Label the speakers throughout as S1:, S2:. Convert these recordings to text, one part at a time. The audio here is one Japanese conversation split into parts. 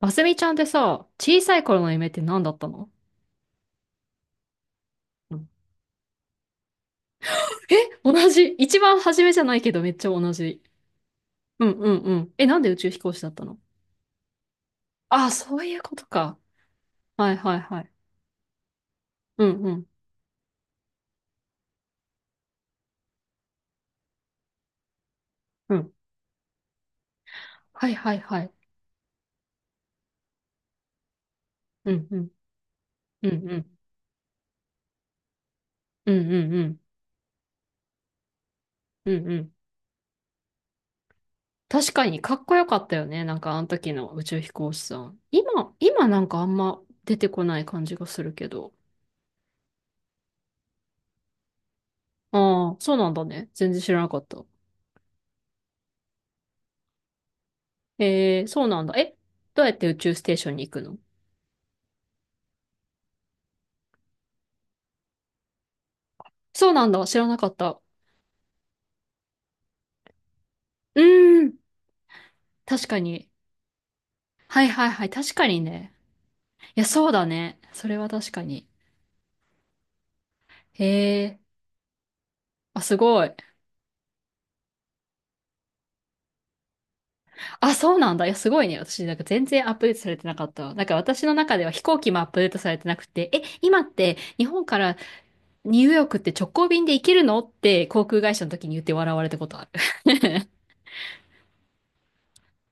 S1: マスミちゃんってさ、小さい頃の夢って何だったの？うん。え、同じ。一番初めじゃないけどめっちゃ同じ。うんうんうん。え、なんで宇宙飛行士だったの？ああ、そういうことか。はいはいはい。うんうんうん。はいはいはい。うんうん。うんうん。うんうんうん。うんうん。確かにかっこよかったよね。なんかあの時の宇宙飛行士さん。今、今なんかあんま出てこない感じがするけど。ああ、そうなんだね。全然知らなかった。えー、そうなんだ。え、どうやって宇宙ステーションに行くの？そうなんだ。知らなかった。うーん。確かに。はいはいはい。確かにね。いや、そうだね。それは確かに。へえ。あ、すごい。あ、そうなんだ。いや、すごいね。私、なんか全然アップデートされてなかったわ。なんか私の中では飛行機もアップデートされてなくて、え、今って日本からニューヨークって直行便で行けるのって航空会社の時に言って笑われたことある。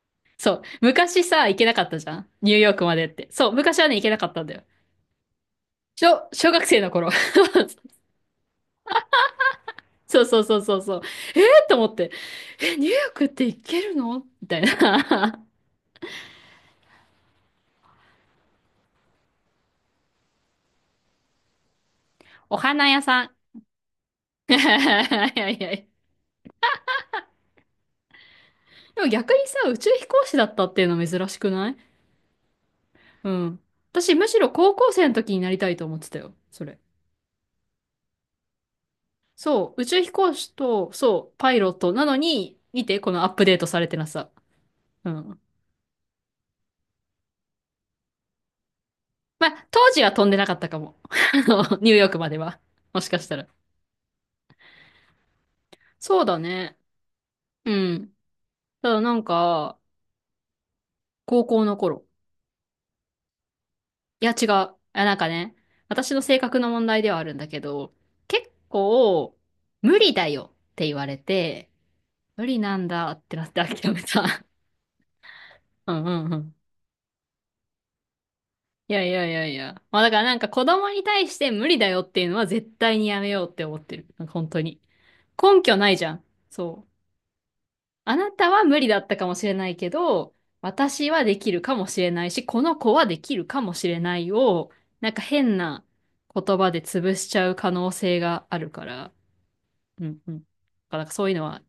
S1: そう。昔さ、行けなかったじゃん。ニューヨークまでって。そう。昔はね、行けなかったんだよ。小学生の頃。そうそうそうそうそう。えーって思って。え、ニューヨークって行けるのみたいな。お花屋さん。いやいやいや。でも逆にさ、宇宙飛行士だったっていうの珍しくない？うん。私むしろ高校生の時になりたいと思ってたよ。それ。そう。宇宙飛行士と、そう、パイロットなのに、見て、このアップデートされてなさ。うん。まあ、当時は飛んでなかったかも。あのニューヨークまでは。もしかしたら。そうだね。うん。ただなんか、高校の頃。いや、違う。なんかね、私の性格の問題ではあるんだけど、結構、無理だよって言われて、無理なんだってなって諦めた。うんうんうん。いやいやいやいや。まあだからなんか子供に対して無理だよっていうのは絶対にやめようって思ってる。なんか本当に。根拠ないじゃん。そう。あなたは無理だったかもしれないけど、私はできるかもしれないし、この子はできるかもしれないを、なんか変な言葉で潰しちゃう可能性があるから、うんうん。だからなんかそういうのは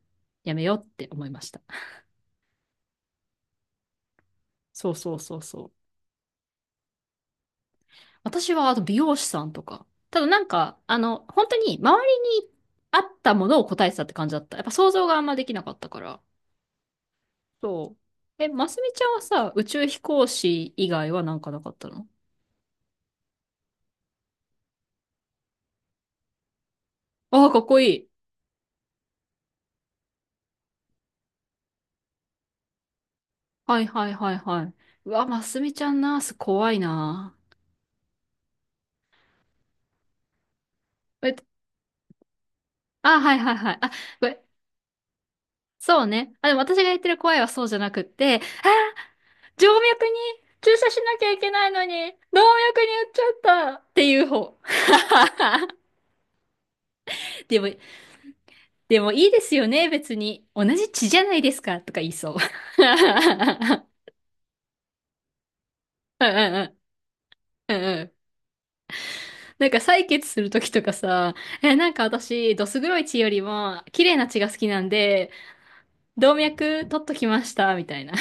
S1: やめようって思いました。そうそうそうそう。私はあと美容師さんとか。ただなんか、本当に周りにあったものを答えてたって感じだった。やっぱ想像があんまできなかったから。そう。え、ますみちゃんはさ、宇宙飛行士以外はなんかなかったの？ああ、かっこいい。はいはいはいはい。うわ、ますみちゃんナース怖いな。え、あ、はいはいはい。あ、これ、そうね。あ、でも私が言ってる怖いはそうじゃなくって、あ静脈に注射しなきゃいけないのに、動脈に打っちゃったっていう方。でも、でもいいですよね、別に。同じ血じゃないですか、とか言いそう。うんうんうんうんうん。なんか採血するときとかさ、え、なんか私、どす黒い血よりも、綺麗な血が好きなんで、動脈取っときました、みたいな。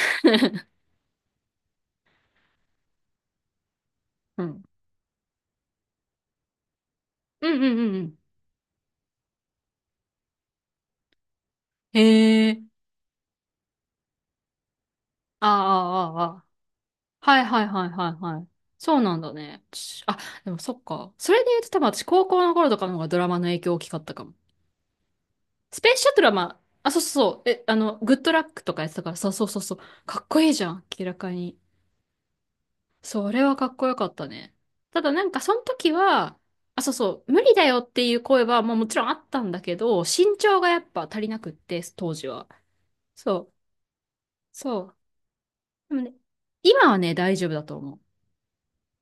S1: うん。うんうんうんうん。へえ。ああ、ああ、ああ。はいはいはいはいはい。そうなんだね。ちあ、でもそっか。それで言うと多分私高校の頃とかの方がドラマの影響大きかったかも。スペースシャトルはまあ、あ、そうそうそう。え、グッドラックとかやってたから、そうそうそうそう。かっこいいじゃん、明らかに。それはかっこよかったね。ただなんかその時は、あ、そうそう、無理だよっていう声は、まあもちろんあったんだけど、身長がやっぱ足りなくって、当時は。そう。そう。でもね、今はね、大丈夫だと思う。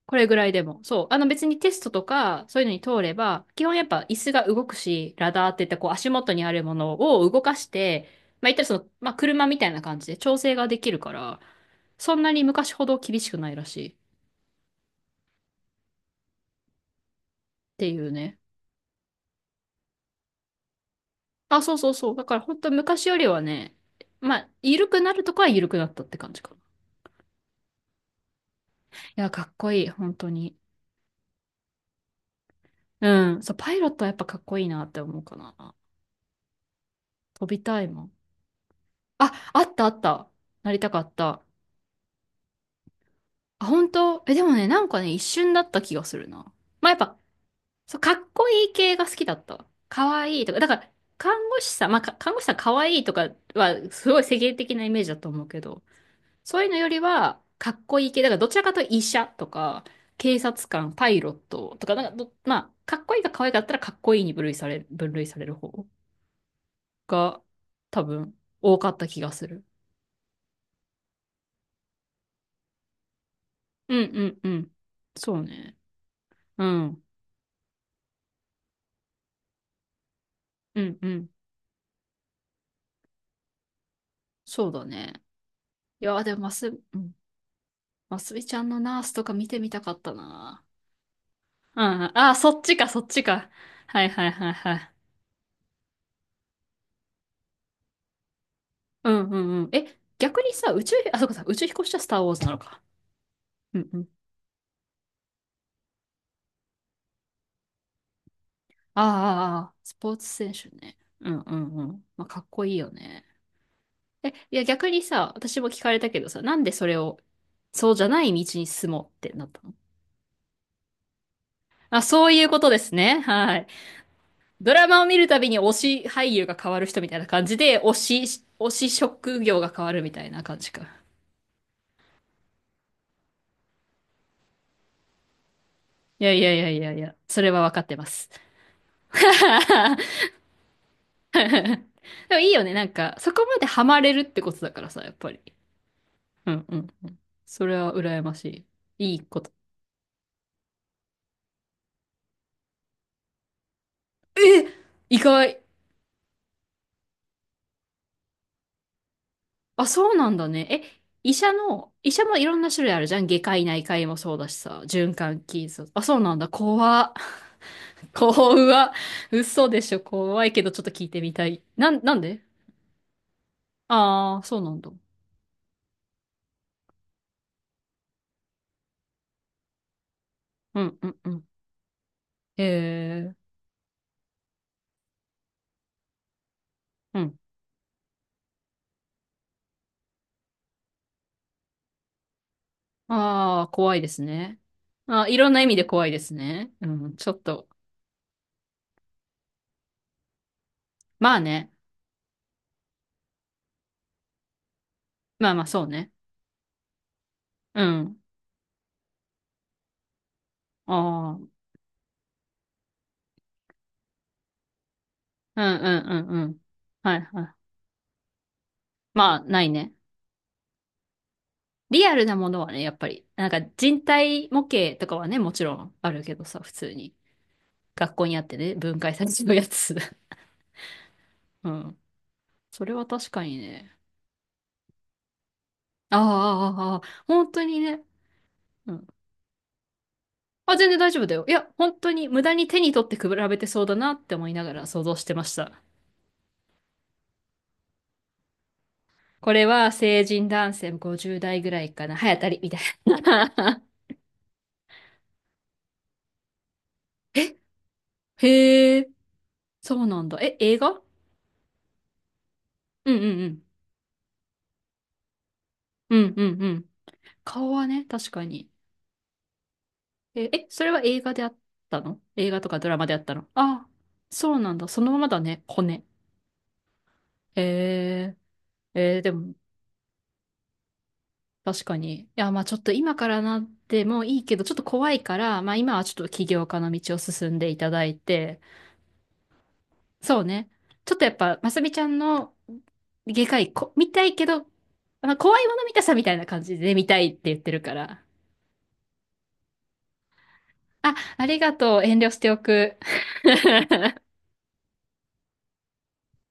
S1: これぐらいでも。そう。あの別にテストとか、そういうのに通れば、基本やっぱ椅子が動くし、ラダーって言ってこう足元にあるものを動かして、まあ言ったらその、まあ車みたいな感じで調整ができるから、そんなに昔ほど厳しくないらしいっていうね。あ、そうそうそう。だから本当昔よりはね、まあ、緩くなるとこは緩くなったって感じかな。いや、かっこいい、本当に。うん。そう、パイロットはやっぱかっこいいなって思うかな。飛びたいもん。あ、あったあった。なりたかった。あ、本当え、でもね、なんかね、一瞬だった気がするな。まあ、やっぱ、そう、かっこいい系が好きだった。かわいいとか。だから、看護師さん、まあ、か看護師さんかわいいとかは、すごい世間的なイメージだと思うけど、そういうのよりは、かっこいい系。だから、どちらかというと医者とか、警察官、パイロットとか、なんかど、まあ、かっこいいか可愛かったら、かっこいいに分類される方が、多分、多かった気がする。うんうんうん。そうね。うん。うんうん。そうだね。いや、でもマス、うん、マスミちゃんのナースとか見てみたかったな。うん。あ、そっちか、そっちか。はいはいはいはい。うんうんうん。え、逆にさ、宇宙、あ、そうかさ、宇宙飛行士はスターウォーズなのか。うんうん。ああ、ああ、ああスポーツ選手ね。うんうんうん。まあ、かっこいいよね。え、いや、逆にさ、私も聞かれたけどさ、なんでそれを、そうじゃない道に進もうってなったの？あ、そういうことですね。はい。ドラマを見るたびに推し俳優が変わる人みたいな感じで、推し職業が変わるみたいな感じか。いやいやいやいやいや、それは分かってます。でもいいよね、なんか、そこまでハマれるってことだからさ、やっぱり。うんうんうん。それは羨ましい。いいこと。え意外。あ、そうなんだね。え、医者もいろんな種類あるじゃん。外科医内科医もそうだしさ、循環器そうあ、そうなんだ。怖っ。怖嘘でしょ。怖いけど、ちょっと聞いてみたい。なん、なんで。ああー、そうなんだ。うん、うん、うん。へえ、うん。ああ、怖いですね。あー、いろんな意味で怖いですね。うん、ちょっと。まあね。まあまあ、そうね。うん。ああ、うん、うん、うん、うん。はいはい。まあ、ないね。リアルなものはね、やっぱり、なんか人体模型とかはね、もちろんあるけどさ、普通に。学校にあってね、分解されちゃうやつ。うん。それは確かにね。ああ、ああ本当にね。うん。あ、全然大丈夫だよ。いや、本当に無駄に手に取って比べてそうだなって思いながら想像してました。これは成人男性50代ぐらいかな。早たり、みたいな。へえ、そうなんだ。え、映画うんうんうん。うんうんうん。顔はね、確かに。え、え、それは映画であったの映画とかドラマであったのああ、そうなんだ。そのままだね、骨。へえ、えーでも、確かに。いや、まあちょっと今からなってもいいけど、ちょっと怖いから、まあ今はちょっと起業家の道を進んでいただいて、そうね。ちょっとやっぱ、まさみちゃんの外科医こ見たいけど、まあ、怖いもの見たさみたいな感じで見たいって言ってるから。あ、ありがとう。遠慮しておく。